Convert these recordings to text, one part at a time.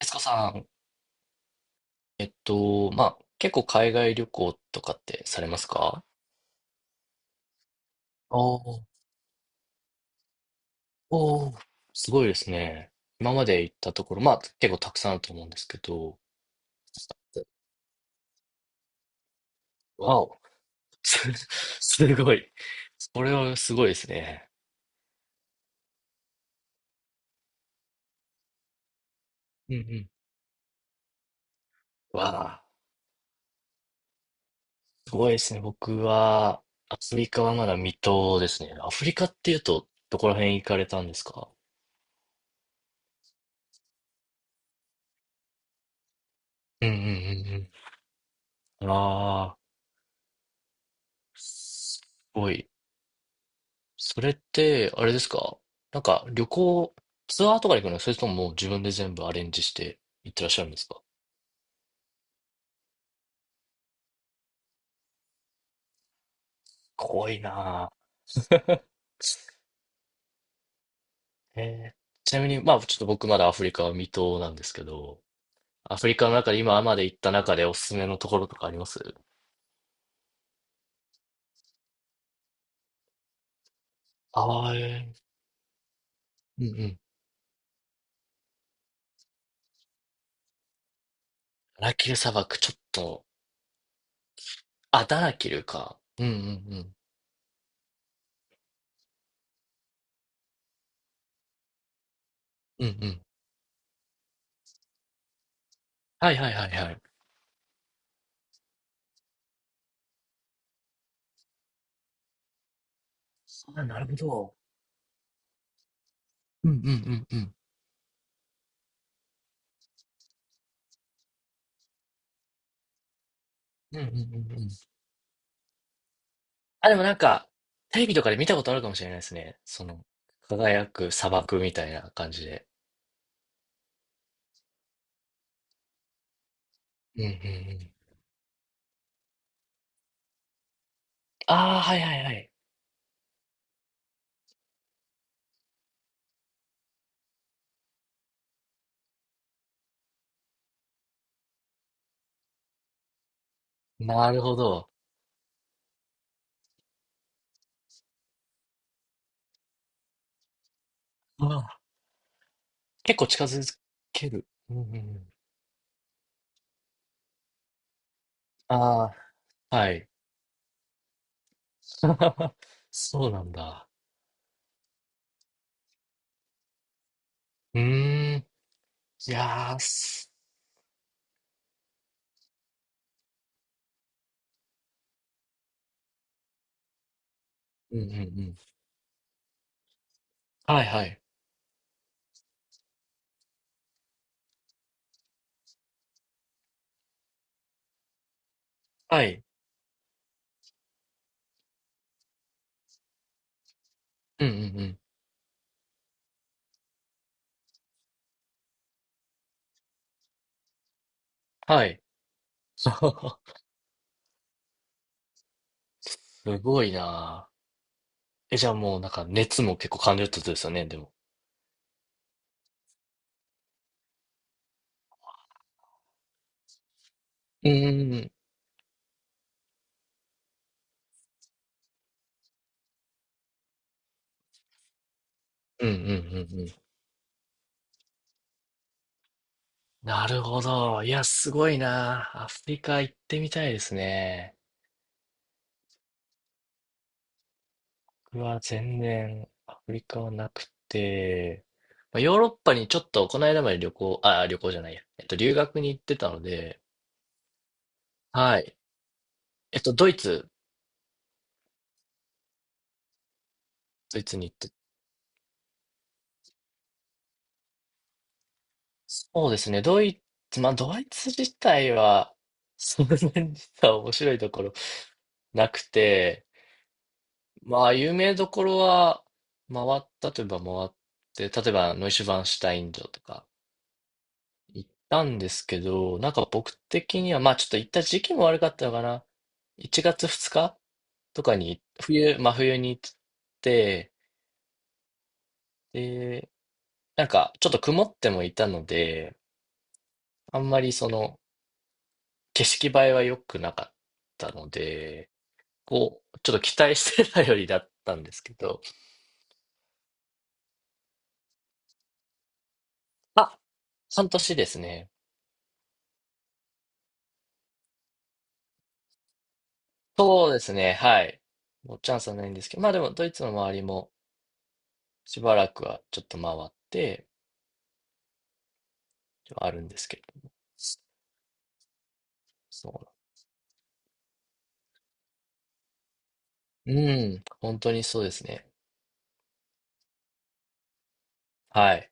エスコさん、結構海外旅行とかってされますか？おー。おー、すごいですね。今まで行ったところ、まあ、結構たくさんあると思うんですけど。わお。すすごい。それはすごいですね。うんうん。わあ、すごいですね。僕は、アフリカはまだ未踏ですね。アフリカっていうと、どこら辺行かれたんですか？うんうんうんうん。ああ、すごい。それって、あれですか？なんか旅行、ツアーとかに行くの、それとももう自分で全部アレンジして行ってらっしゃるんですか？怖いなぁ。ちなみに、まあちょっと僕まだアフリカは未踏なんですけど、アフリカの中で今まで行った中でおすすめのところとかあります？ああー、えー。うんうん。ダナキル砂漠、ちょっと、あ、ダナキルか。うんうんうん。うんうん。はいはいはいはい。あ、なるほど。うんうんうんうん。うんうんうんうん。あ、でもなんか、テレビとかで見たことあるかもしれないですね。その、輝く砂漠みたいな感じで。うんうんうん。ああ、はいはいはい。なるほど。うん。結構近づける。うんうんうん。ああ、はい。そうなんだ。うーん。いやーす。うんうんうん。はいはい。はい。うんうんうん。はい。すごいなー。え、じゃあもうなんか熱も結構感じるってことですよね、でも。うんうんうん。うんうんうんうん。なるほど。いや、すごいな。アフリカ行ってみたいですね。僕は全然アフリカはなくて、まあ、ヨーロッパにちょっとこの間まで旅行、あ、旅行じゃないや。留学に行ってたので。はい。えっと、ドイツ、ドイツに行って、そうですね。ドイツ、まあ、ドイツ自体は、そんなに実は面白いところなくて、まあ、有名どころは回ったといえば回って、例えば、ノイシュバンシュタイン城とか、行ったんですけど、なんか僕的には、まあちょっと行った時期も悪かったのかな。1月2日とかに、真冬に行って、で、なんかちょっと曇ってもいたので、あんまりその景色映えは良くなかったので、こう、ちょっと期待してたよりだったんですけど。あ、半年ですね。そうですね、はい。もうチャンスはないんですけど、まあでもドイツの周りもしばらくはちょっと回って、あるんですけど。そうな。うん、本当にそうですね。はい。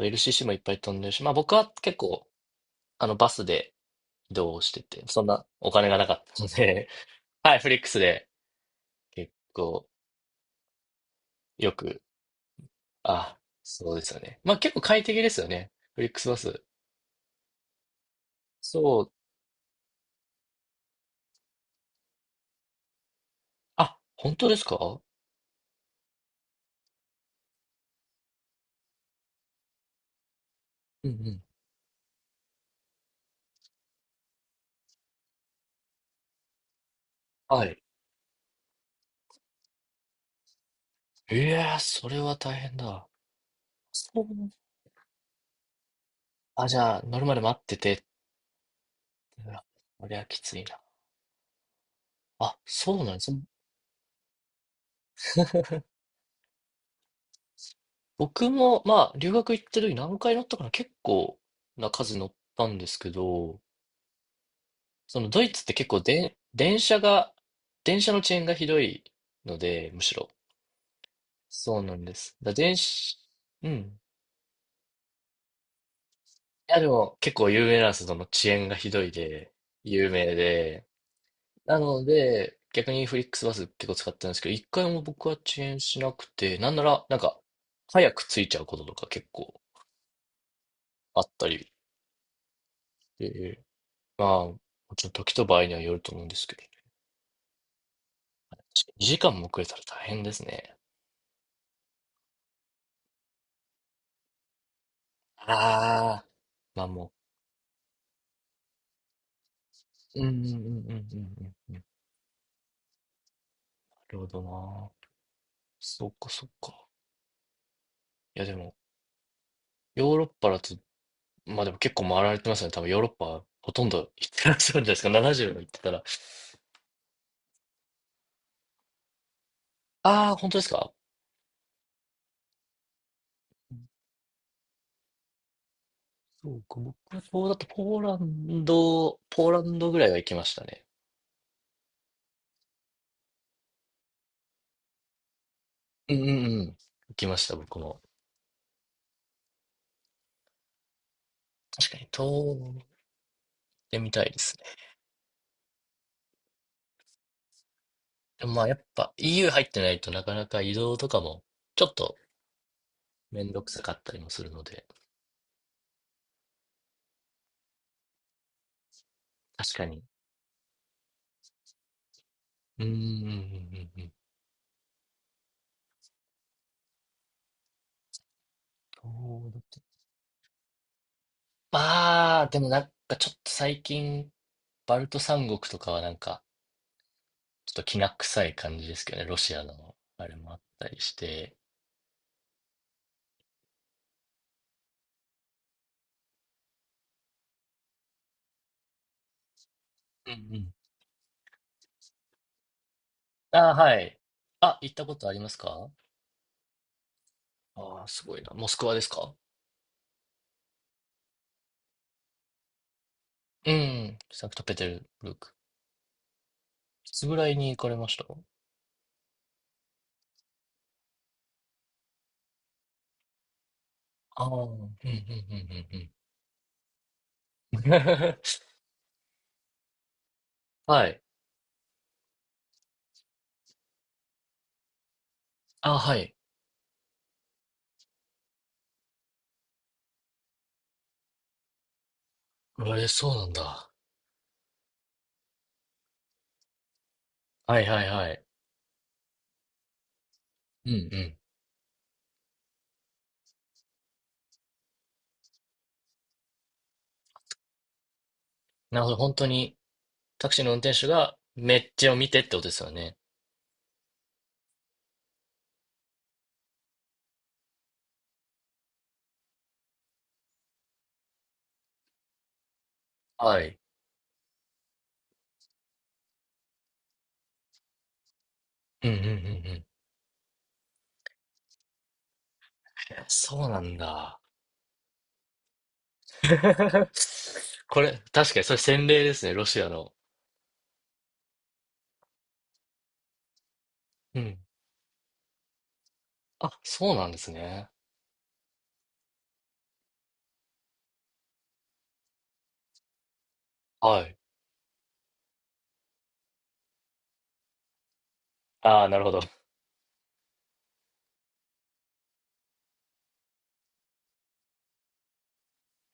LCC もいっぱい飛んでるし、まあ僕は結構、バスで移動してて、そんなお金がなかったので。はい、フリックスで結構よく。あ、そうですよね。まあ結構快適ですよね、フリックスバス。そう、あ、本当ですか？うんうん。はい。いやー、それは大変だ。そう。あ、じゃあ、乗るまで待ってて。うわ、こりゃきついな。あ、そうなんです。僕も、まあ、留学行ってる時何回乗ったかな、結構な数乗ったんですけど、そのドイツって結構で、電車が、電車の遅延がひどいので、むしろ。そうなんです。だから電車、うん。いや、でも結構有名なんです。その遅延がひどいで、有名で。なので、逆にフリックスバス結構使ってるんですけど、一回も僕は遅延しなくて、なんなら、なんか、早く着いちゃうこととか結構あったり。まあ、もちろん時と場合にはよると思うんですけどね、2時間も遅れたら大変ですね。ああ、まあもう、うんうんうんうんうんうんうん。なるほどな。そっかそっか。いやでも、ヨーロッパだと、まあでも結構回られてますね。多分ヨーロッパほとんど行ってらっしゃるんじゃないですか。70の行ってたら。ああ、本当ですか？うん。そうか、僕、そうだとポーランドぐらいは行きましたね。うんうんうん。行きました、僕も。確かに、遠出みたいですね。でもまあやっぱ EU 入ってないとなかなか移動とかもちょっとめんどくさかったりもするので。確かに。うーん、うん、うん、うん。そうだって。まあ、でもなんかちょっと最近、バルト三国とかはなんか、ちょっときな臭い感じですけどね、ロシアのあれもあったりして。うんうん。ああ、はい。あ、行ったことありますか？ああ、すごいな。モスクワですか？うん、サンクトペテルブルク。いつぐらいに行かれました？ああー、うん、うん、うん、うん、うん。はい。あ、はい。え、そうなんだ。はいはいはい。うんうん。なるほど。本当に、タクシーの運転手がめっちゃを見てってことですよね。はい。うんうんうんうん。え、そうなんだ。これ、確かにそれ洗礼ですね、ロシアの。うん。あ、そうなんですね。はい。ああ、なるほど。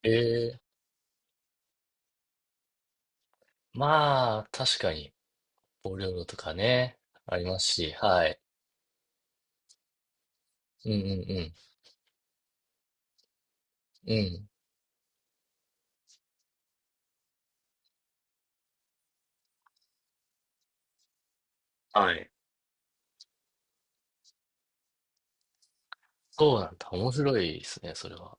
ええ。まあ、確かに、ボレロとかね、ありますし、はい。うんうんうん。うん。はい。そうなんだ。面白いですね、それは。